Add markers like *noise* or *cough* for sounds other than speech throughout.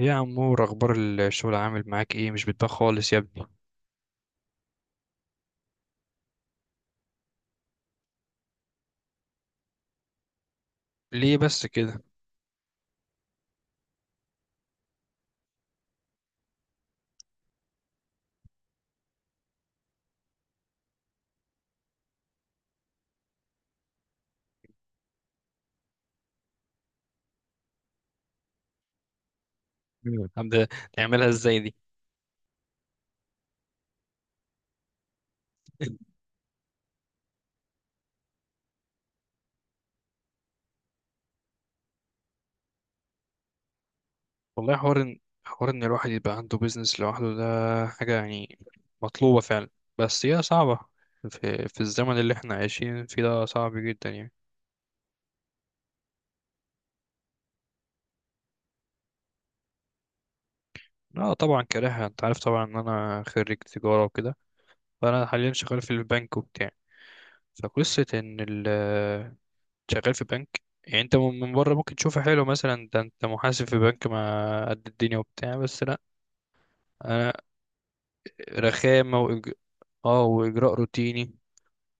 إيه يا عمور، اخبار الشغل؟ عامل معاك ايه؟ مش بتبان خالص يا ابني، ليه بس كده؟ مم. نعملها ازاي دي؟ والله حوار ان الواحد يبقى عنده بيزنس لوحده ده، حاجة يعني مطلوبة فعلا، بس هي صعبة في الزمن اللي احنا عايشين فيه، ده صعب جدا يعني. اه طبعا كارهها، انت عارف طبعا ان انا خريج تجارة وكده، فانا حاليا شغال في البنك وبتاع. فقصة ان شغال في بنك، يعني انت من بره ممكن تشوفه حلو، مثلا ده انت محاسب في بنك ما قد الدنيا وبتاع، بس لا. انا رخامه اه واجراء روتيني،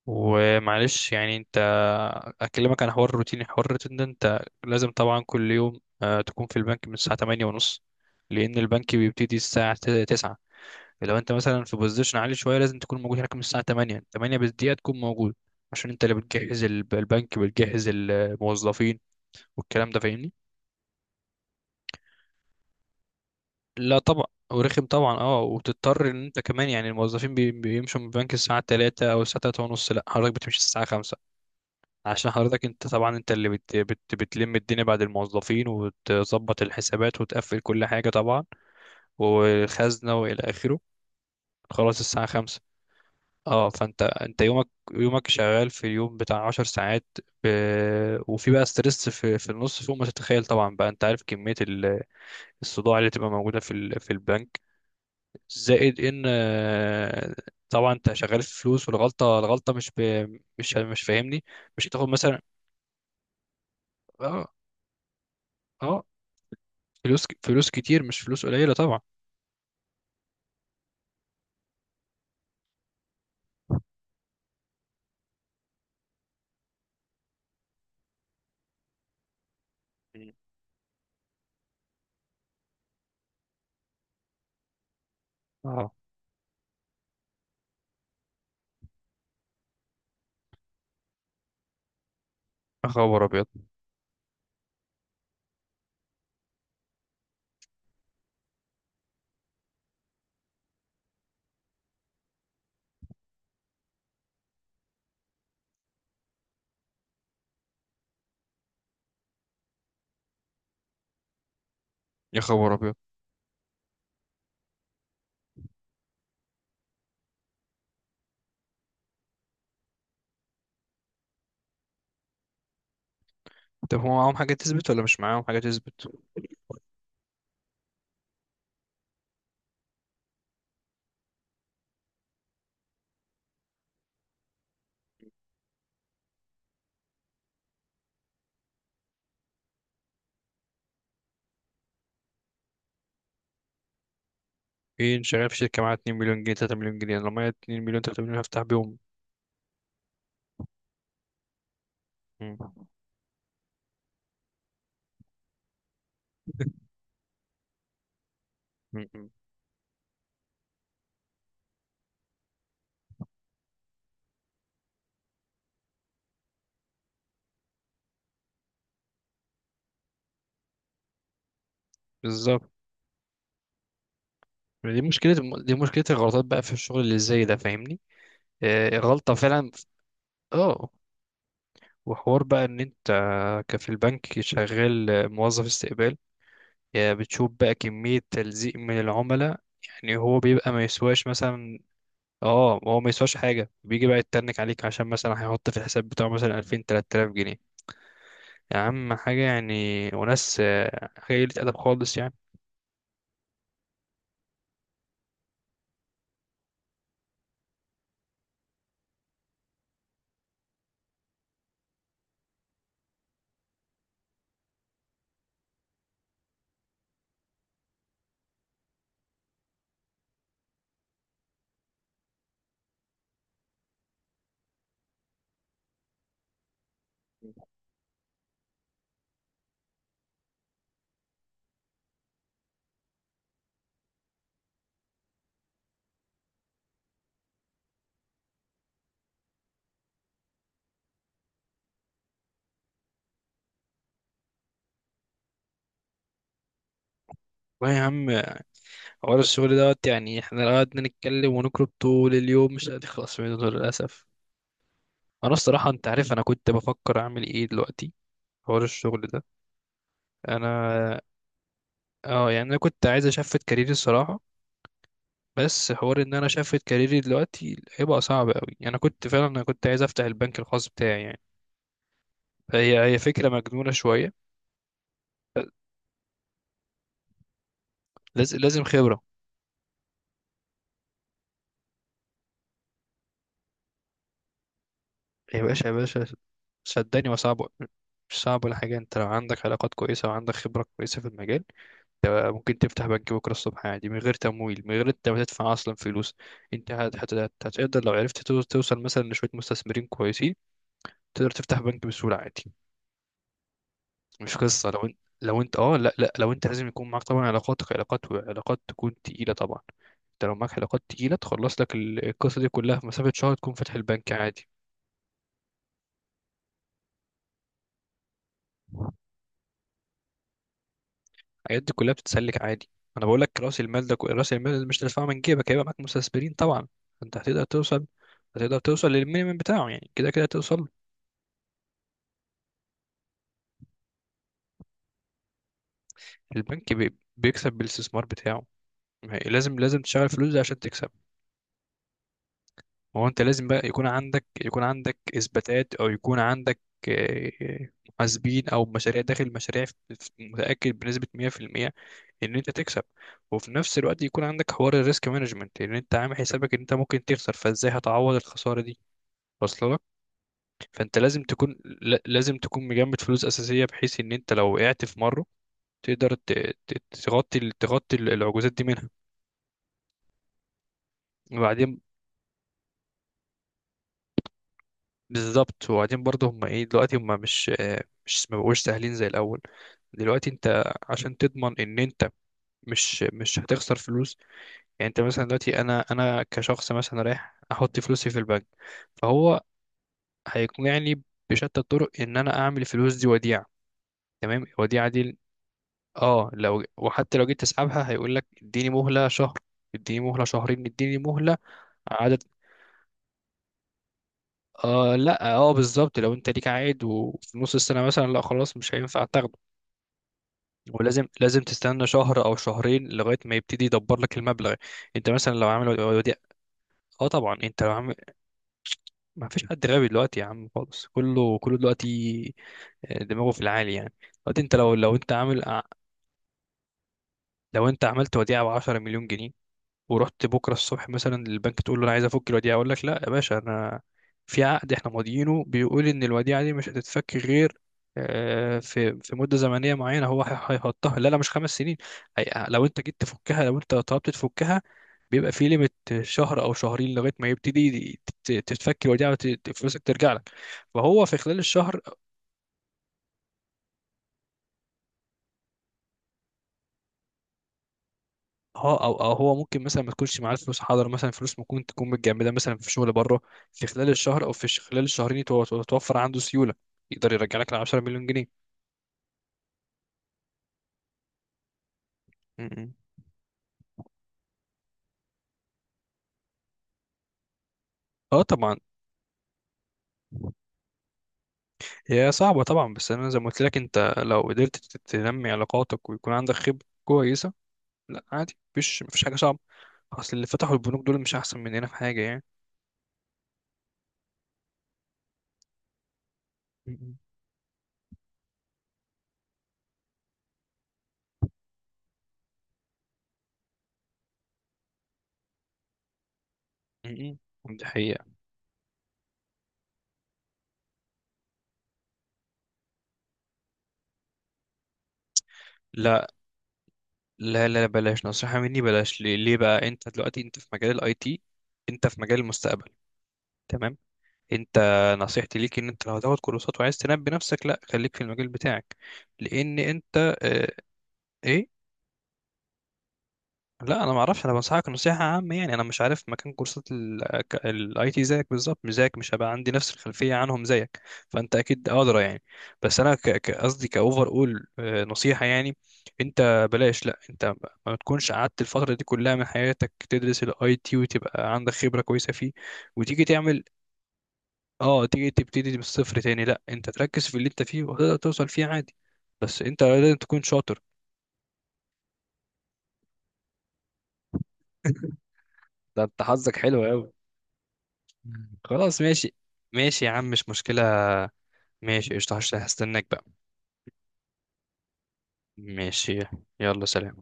ومعلش يعني انت، اكلمك عن حوار روتيني. حوار الروتين ده، انت لازم طبعا كل يوم تكون في البنك من الساعه 8 ونص، لان البنك بيبتدي الساعه 9. لو انت مثلا في بوزيشن عالي شويه، لازم تكون موجود هناك من الساعه 8، 8 بالدقيقه تكون موجود، عشان انت اللي بتجهز البنك بتجهز الموظفين والكلام ده، فاهمني؟ لا طبعا، ورخم طبعا. اه، وتضطر ان انت كمان، يعني الموظفين بيمشوا من البنك الساعه 3 او الساعه 3 ونص، لا حضرتك بتمشي الساعه 5، عشان حضرتك انت طبعا، انت اللي بت بت بتلم الدنيا بعد الموظفين، وتظبط الحسابات وتقفل كل حاجه طبعا، والخزنه والى اخره. خلاص الساعه 5. اه، فانت يومك شغال في اليوم بتاع 10 ساعات. وفي بقى ستريس في النص، فوق ما تتخيل طبعا. بقى انت عارف كميه الصداع اللي تبقى موجوده في البنك، زائد ان طبعا انت شغال في فلوس، والغلطه الغلطه مش فاهمني، مش هتاخد مثلا. اه، اه، فلوس فلوس كتير، مش فلوس قليله طبعا. مم. اه. يا خبر ابيض! يا خبر ابيض! طب هو معاهم حاجه تثبت ولا مش معاهم حاجه تثبت؟ ايه، شغال في شركه معاها 2 مليون جنيه، 3 مليون جنيه؟ أنا لو معايا 2 مليون، 3 مليون، هفتح بيهم. مم. مم. مم. بالظبط. دي مشكله، دي مشكله الغلطات بقى في الشغل اللي زي ده، فاهمني؟ آه، غلطه فعلا. اه. وحوار بقى ان انت كفي البنك شغال موظف استقبال، يا بتشوف بقى كمية تلزيق من العملاء، يعني هو بيبقى ما يسواش مثلا، اه، هو ما يسواش حاجة، بيجي بقى يتنك عليك عشان مثلا هيحط في الحساب بتاعه مثلا 2000 3000 جنيه، يا عم حاجة يعني. وناس حاجة قلة أدب خالص يعني. والله يا عم، حوار الشغل دوت. يعني احنا لو قعدنا نتكلم ونكرب طول اليوم، مش هنخلص منه للأسف. أنا الصراحة، أنت عارف أنا كنت بفكر أعمل إيه دلوقتي؟ حوار الشغل ده. انا، اه يعني انا كنت عايز اشفت كاريري الصراحه، بس حوار ان انا اشفت كاريري دلوقتي هيبقى صعب قوي. انا كنت فعلا، انا كنت عايز افتح البنك الخاص بتاعي يعني، فهي فكره مجنونه شويه. لازم لازم خبره. يا باشا، يا باشا، صدقني وصعب. مش صعب ولا حاجه، انت لو عندك علاقات كويسه وعندك خبره كويسه في المجال، انت ممكن تفتح بنك بكره الصبح عادي، من غير تمويل، من غير انت ما تدفع اصلا فلوس. انت هتقدر لو عرفت توصل مثلا لشويه مستثمرين كويسين، تقدر تفتح بنك بسهوله عادي. مش قصة لو انت لو انت اه لا لا لو انت لازم يكون معاك طبعا علاقاتك، علاقات علاقات تكون تقيلة طبعا. انت لو معاك علاقات تقيلة، تخلص لك القصة دي كلها في مسافة شهر، تكون فاتح البنك عادي. الحاجات دي كلها بتتسلك عادي. انا بقول لك، راس المال ده راس المال اللي مش تدفعه من جيبك، هيبقى معاك مستثمرين طبعا. انت هتقدر توصل، هتقدر توصل للمينيمم بتاعه، يعني كده كده توصل. البنك بيكسب بالاستثمار بتاعه، ما هي- لازم لازم تشغل فلوس دي عشان تكسب. ما هو انت لازم بقى يكون عندك، اثباتات او يكون عندك آه، محاسبين او مشاريع داخل مشاريع متاكد بنسبه 100% ان انت تكسب، وفي نفس الوقت يكون عندك حوار الريسك مانجمنت، لان انت عامل حسابك ان انت ممكن تخسر، فازاي هتعوض الخساره دي واصله لك؟ فانت لازم تكون، لازم تكون مجمد فلوس اساسيه، بحيث ان انت لو وقعت في مره تقدر تغطي العجوزات دي منها. وبعدين، بالظبط. وبعدين برضه هم ايه دلوقتي، هم مش ما بقوش سهلين زي الاول. دلوقتي انت عشان تضمن ان انت مش هتخسر فلوس، يعني انت مثلا دلوقتي، انا كشخص مثلا رايح احط فلوسي في البنك، فهو هيقنعني بشتى الطرق ان انا اعمل الفلوس دي وديعة. تمام. الوديعة دي، اه، لو، وحتى لو جيت تسحبها، هيقول لك: اديني مهلة شهر، اديني مهلة شهرين، اديني مهلة. عدد. آه، لا، اه، بالظبط. لو انت ليك عائد وفي نص السنة مثلا، لا خلاص مش هينفع تاخده. ولازم لازم تستنى شهر او شهرين لغايه ما يبتدي يدبر لك المبلغ. انت مثلا لو عامل وديعه، اه طبعا انت لو عامل. *sniffs* ما فيش حد غبي دلوقتي يا عم خالص. كله كله دلوقتي دماغه في العالي يعني. دلوقتي انت لو انت عامل لو انت عملت وديعه ب 10 مليون جنيه، ورحت بكره الصبح مثلا للبنك تقول له: انا عايز افك الوديعه، اقول لك: لا يا باشا، انا في عقد احنا ماضيينه بيقول ان الوديعه دي مش هتتفك غير في مده زمنيه معينه. هو هيحطها لا لا، مش خمس سنين. لو انت جيت تفكها، لو انت طلبت تفكها، بيبقى في ليميت شهر او شهرين لغايه ما يبتدي تتفك الوديعه وفلوسك ترجع لك. فهو في خلال الشهر، اه، او هو ممكن مثلا ما تكونش معاه الفلوس، حاضر، مثلا فلوس ممكن تكون متجمده مثلا في شغل بره، في خلال الشهر او في خلال الشهرين يتوفر عنده سيوله، يقدر يرجع لك ال 10 مليون جنيه. م- م. اه طبعا. هي صعبه طبعا، بس انا زي ما قلت لك، انت لو قدرت تنمي علاقاتك ويكون عندك خبره كويسه، لا عادي مفيش حاجه صعبه. اصل اللي فتحوا البنوك دول مش احسن مننا في حاجه يعني. م- م. م- م. دي حقيقه. لا لا لا، بلاش نصيحه مني، بلاش. ليه ليه بقى، انت دلوقتي انت في مجال الاي تي، انت في مجال المستقبل. تمام. انت، نصيحتي ليك ان انت لو هتاخد كورسات وعايز تنمي نفسك، لا، خليك في المجال بتاعك، لان انت اه. ايه. لا انا ما اعرفش، انا بنصحك نصيحه عامه يعني، انا مش عارف مكان كورسات الاي تي زيك بالظبط، مش زيك، مش هبقى عندي نفس الخلفيه عنهم زيك، فانت اكيد ادرى يعني. بس انا قصدي كاوفر اول نصيحه يعني. انت بلاش، لا انت ما تكونش قعدت الفتره دي كلها من حياتك تدرس الاي تي وتبقى عندك خبره كويسه فيه وتيجي تعمل اه، تيجي تبتدي من الصفر تاني. لا، انت تركز في اللي انت فيه وتقدر توصل فيه عادي، بس انت لازم تكون شاطر. *laughs* ده انت حظك حلو قوي. خلاص ماشي. ماشي يا عم، مش مشكلة. ماشي قشطة، هستناك بقى. ماشي. يلا سلام.